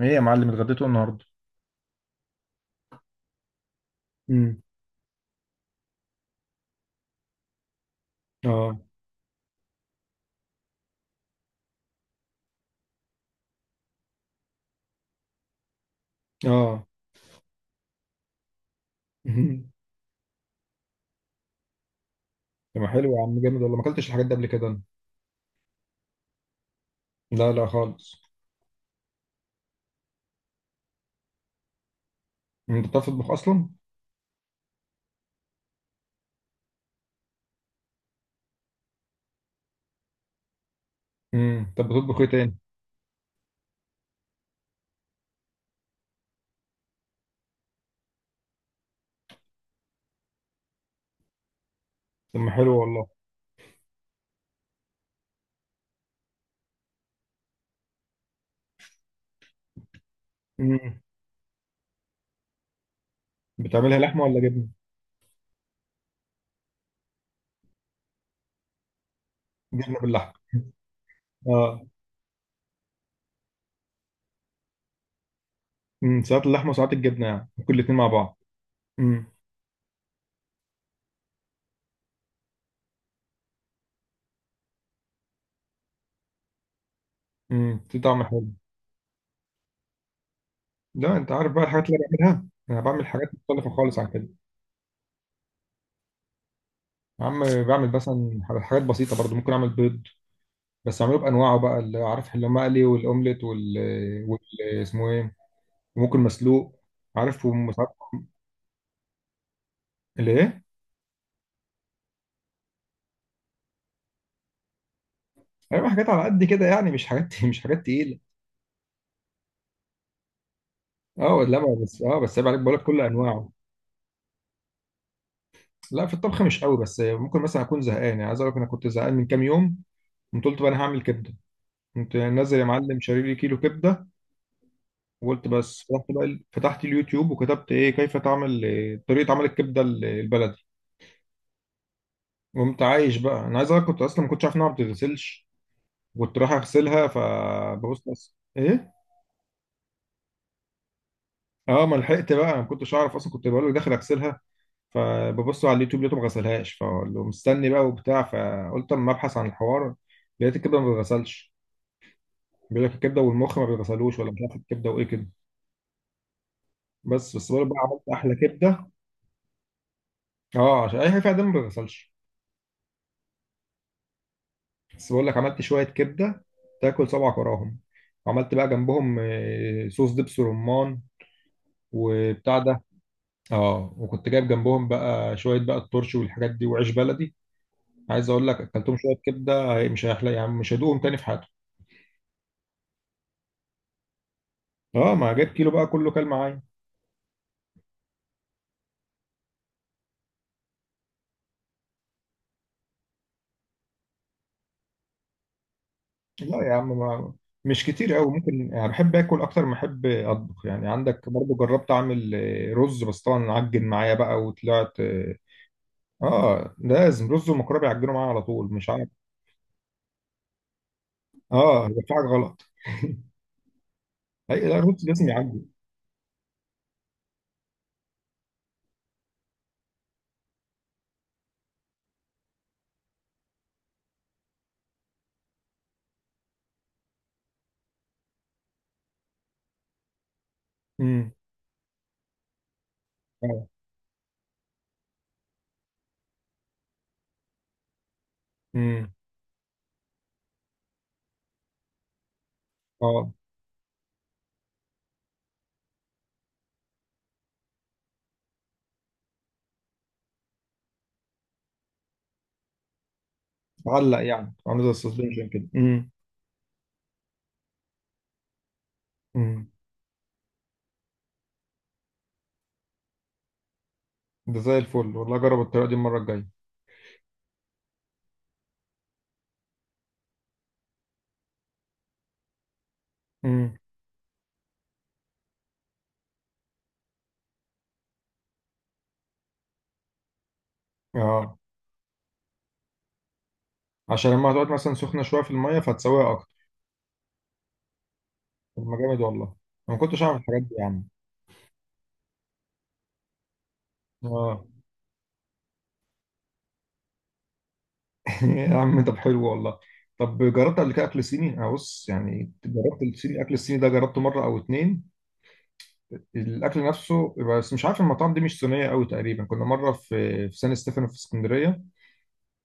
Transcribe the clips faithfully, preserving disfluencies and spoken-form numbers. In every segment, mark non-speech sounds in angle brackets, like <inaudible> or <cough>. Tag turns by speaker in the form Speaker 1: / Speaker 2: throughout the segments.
Speaker 1: ايه يا معلم، اتغديتوا النهارده؟ امم. اه. اه. <laughs> مهم. طب، ما حلو يا عم، جامد والله، ما اكلتش الحاجات دي قبل كده أنا. لا، لا، خالص. انت بتعرف تطبخ اصلا؟ امم طب، بتطبخ ايه تاني؟ طب، ما حلو والله. امم. بتعملها لحمه ولا جبنه؟ جبنه باللحمه؟ اه. امم ساعات اللحمه وساعات الجبنه، يعني ممكن الاثنين مع بعض. امم. امم في طعم حلو. لا، انت عارف بقى الحاجات اللي أنا بعملها، انا بعمل حاجات مختلفه خالص عن كده. يا عم، بعمل مثلا حاجات بسيطه برضو، ممكن اعمل بيض. بس عملوه بانواعه بقى، اللي عارف اللي مقلي والاومليت وال وال اسمه ايه؟ وممكن مسلوق. عارف ومساعد. اللي ايه؟ ايوه، حاجات على قد كده يعني، مش حاجات <laughs> مش حاجات تقيله. اه، لا، ما بس اه بس عيب عليك، بقول لك كل انواعه. لا، في الطبخ مش قوي، بس ممكن مثلا اكون زهقان، يعني عايز اقول لك انا كنت زهقان من كام يوم. قمت قلت بقى انا هعمل كبده. كنت نازل يا معلم، شاري لي كيلو كبده. وقلت بس، رحت بقى فتحت اليوتيوب وكتبت ايه كيف تعمل إيه، طريقه عمل الكبده ال- البلدي. وقمت عايش بقى، انا عايز اقول لك كنت اصلا ما كنتش عارف انها ما بتتغسلش. كنت رايح اغسلها، فببص بس ايه. اه، ما لحقت بقى، ما كنتش اعرف اصلا، كنت بقول له داخل اغسلها. فببص على اليوتيوب، لقيته ما غسلهاش، فبقول له مستني بقى وبتاع، فقلت اما ابحث عن الحوار. لقيت الكبده ما بتتغسلش. بيقول لك الكبده والمخ ما بيتغسلوش، ولا مش عارف الكبده وايه كده. بس بس بقول لك بقى عملت احلى كبده. اه، عشان اي حاجه فيها دم ما بيتغسلش. بس بقول لك عملت شويه كبده. تاكل صبعك وراهم. وعملت بقى جنبهم آه، صوص دبس رمان. وبتاع ده. اه، وكنت جايب جنبهم بقى شويه بقى الترش والحاجات دي وعيش بلدي. عايز اقول لك اكلتهم شويه كبده، هي- مش هيحلى يا عم، مش هيدوقهم تاني في حياتهم. اه، ما جايب كيلو بقى كله، كل معايا. لا يا عم، ما مش كتير قوي ممكن، يعني بحب اكل اكتر ما احب اطبخ، يعني عندك برضو جربت اعمل آه، رز، بس طبعا عجن معايا بقى وطلعت اه. آه، لازم رز ومكرونه بيعجنوا معايا على طول، مش عارف. اه هيبقى في حاجه غلط <laughs> اي لا، الرز لازم يعجن. امم. اه. امم. اه. اتعلق يعني، عامل زي السسبنشن كده. امم. ده زي الفل والله، جرب الطريقه دي المره الجايه. امم. اه. عشان لما هتقعد مثلا سخنه شويه في الميه فهتسويها اكتر. طب، ما جامد والله. انا ما كنتش اعرف الحاجات دي يا عم. اه. <laughs> يا عم، طب حلو والله. طب، جربت قبل كده اكل صيني؟ انا بص يعني جربت الصيني، الاكل الصيني ده جربته مره او اتنين. الاكل نفسه، بس مش عارف المطاعم دي مش صينيه قوي، تقريبا كنا مره في في سان ستيفانو في اسكندريه.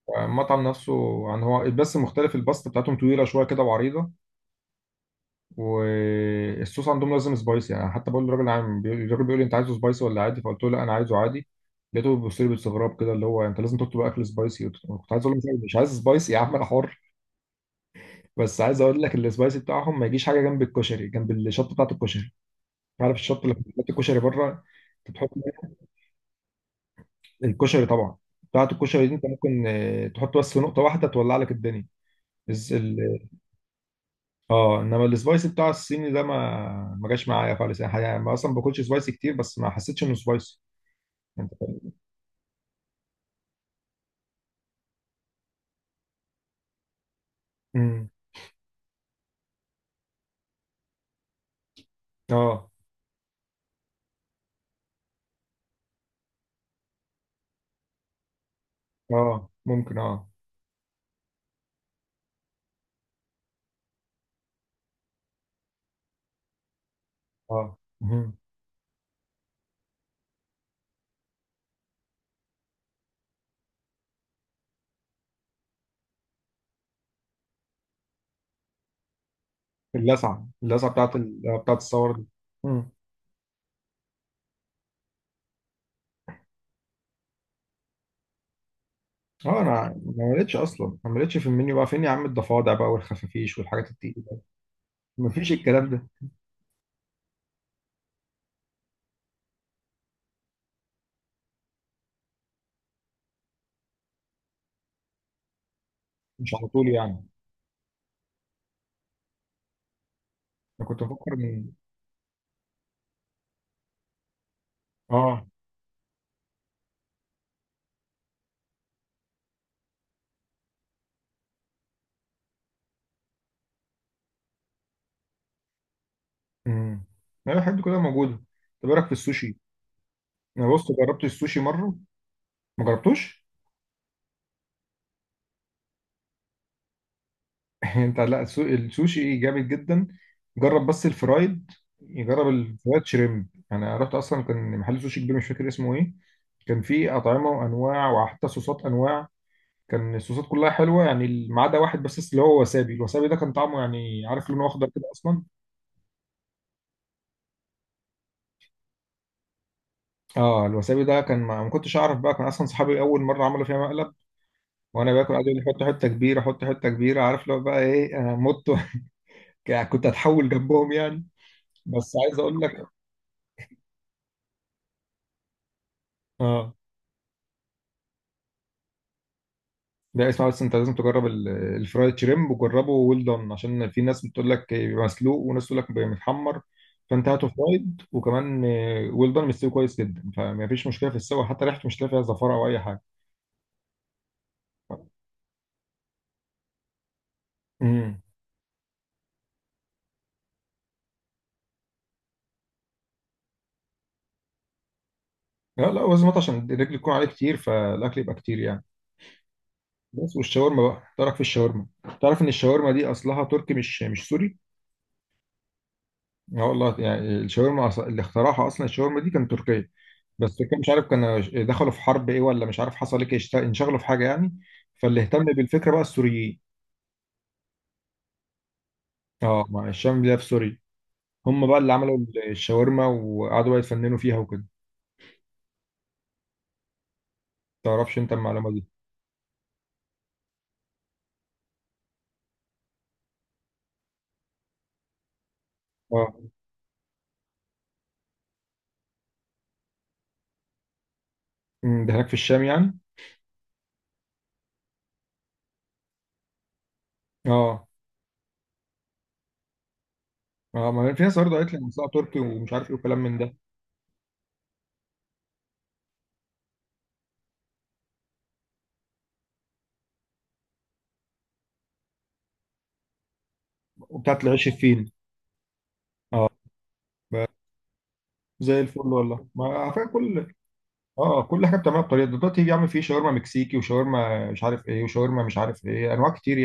Speaker 1: آه، المطعم نفسه. يعني هو بس مختلف، الباستا بتاعتهم طويله شويه كده وعريضه. والصوص عندهم لازم سبايسي، يعني حتى بقول للراجل عام بيقول- الراجل بيقول لي انت عايزه سبايسي ولا عادي، فقلت له لا انا عايزه عادي. لقيته بيبص لي باستغراب كده، اللي هو انت لازم تطلب اكل سبايسي، قلت له- كنت عايز اقول له مش عايز سبايسي يا عم انا حر. بس عايز اقول لك السبايسي بتاعهم ما يجيش حاجه جنب الكشري، جنب الشطه بتاعت الكشري. عارف الشطه اللي بتحط الكشري بره؟ انت بتحط منها. الكشري طبعا. بتاعت الكشري دي انت ممكن اه، تحط بس نقطه واحده تولع لك الدنيا. اه، انما السبايسي بتاع الصيني ده ما ما جاش معايا خالص يعني يعني ما اصلا باكلش سبايسي كتير، بس ما حسيتش انه سبايسي. انت. امم. اه. اه. ممكن اه. اه، مهم. اللسعه، اللسعه بتاعت ال... بتاعت الصور دي. امم. اه. انا ما مليتش اصلا، ما مليتش في المنيو بقى، فين يا عم الضفادع بقى والخفافيش والحاجات التقيله؟ ما فيش الكلام ده. مش على طول يعني. انا كنت بفكر ان... اه. امم. لا، الحاجات دي كلها موجوده. طب ايه رايك في السوشي؟ انا بص جربت السوشي مره. ما جربتوش؟ <laughs> انت، لا، السو- السوشي جامد جدا. جرب بس الفرايد. جرب الفرايد شريمب يعني، انا رحت اصلا كان محل سوشي كبير، مش فاكر اسمه ايه. كان فيه اطعمه وانواع وحتى صوصات انواع. كان الصوصات كلها حلوه يعني، ما عدا واحد بس اللي هو وسابي، الوسابي ده كان طعمه يعني، عارف لونه اخضر كده اصلا. اه، الوسابي ده كان، ما ما كنتش اعرف بقى، كان اصلا صحابي اول مره عملوا فيها مقلب. وانا باكل قعدوا يقولوا لي حط حته كبيره، حط حته كبيره، عارف لو بقى ايه، انا مت. <laughs> كنت هتحول جنبهم يعني. بس عايز اقول لك. اه. لا، اسمع بس، انت لازم تجرب ال- الفرايد شريمب وجربه ويل دون، عشان في ناس بتقول لك بيبقى مسلوق وناس تقول لك بيبقى متحمر. فانت هاته فرايد وكمان ويل دون، مستوي كويس جدا، فما فيش مشكله في السوا، حتى ريحته مش هتلاقي فيها زفاره او اي حاجه. امم. لا، لا، وزمات عشان الرجل يكون عليه كتير فالاكل يبقى كتير يعني. بس، والشاورما بقى، تعرف في الشاورما؟ تعرف ان الشاورما دي اصلها تركي مش مش سوري؟ اه والله، يعني الشاورما أص- اللي اخترعها اصلا، الشاورما دي كانت تركيه. بس كان مش عارف، كان دخلوا في حرب ايه ولا مش عارف حصل ايه، اشت- انشغلوا في حاجه يعني. فاللي اهتم بالفكره بقى السوريين. اه، مع الشام اللي هي في سوريا. هم بقى اللي عملوا الشاورما، وقعدوا بقى يتفننوا فيها وكده. تعرفش انت المعلومه دي؟ اه. أمم، ده هناك في الشام يعني. اه. اه، ما في ناس برضه قالت لي إن ساعه تركي ومش عارف ايه وكلام من ده. وبتاعت العيش الفيني. اه. ب- زي الفل والله، ما على فكره كل. اه. آه، كل حاجه بتعملها بطريقه دلوقتي يا عم، في شاورما مكسيكي وشاورما مش عارف ايه وشاورما مش عارف ايه، انواع كتير.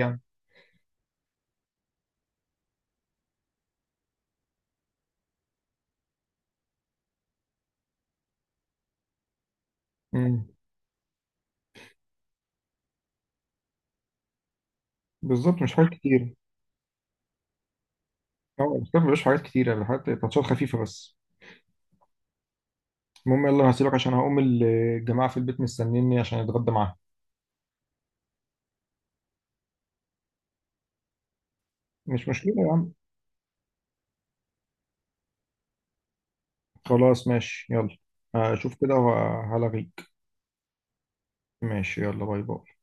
Speaker 1: يعني. بالظبط، مش حاجات كتير. اه، الكتاب مبيبقاش حاجات كتيرة، اللي حاجات تاتشات خفيفة بس. المهم يلا، أنا هسيبك عشان هقوم، الجماعة في البيت مستنيني عشان اتغدى معاهم. مش مشكلة يا عم. خلاص ماشي، يلا. هشوف كده وهلغيك. ماشي، يلا، باي باي.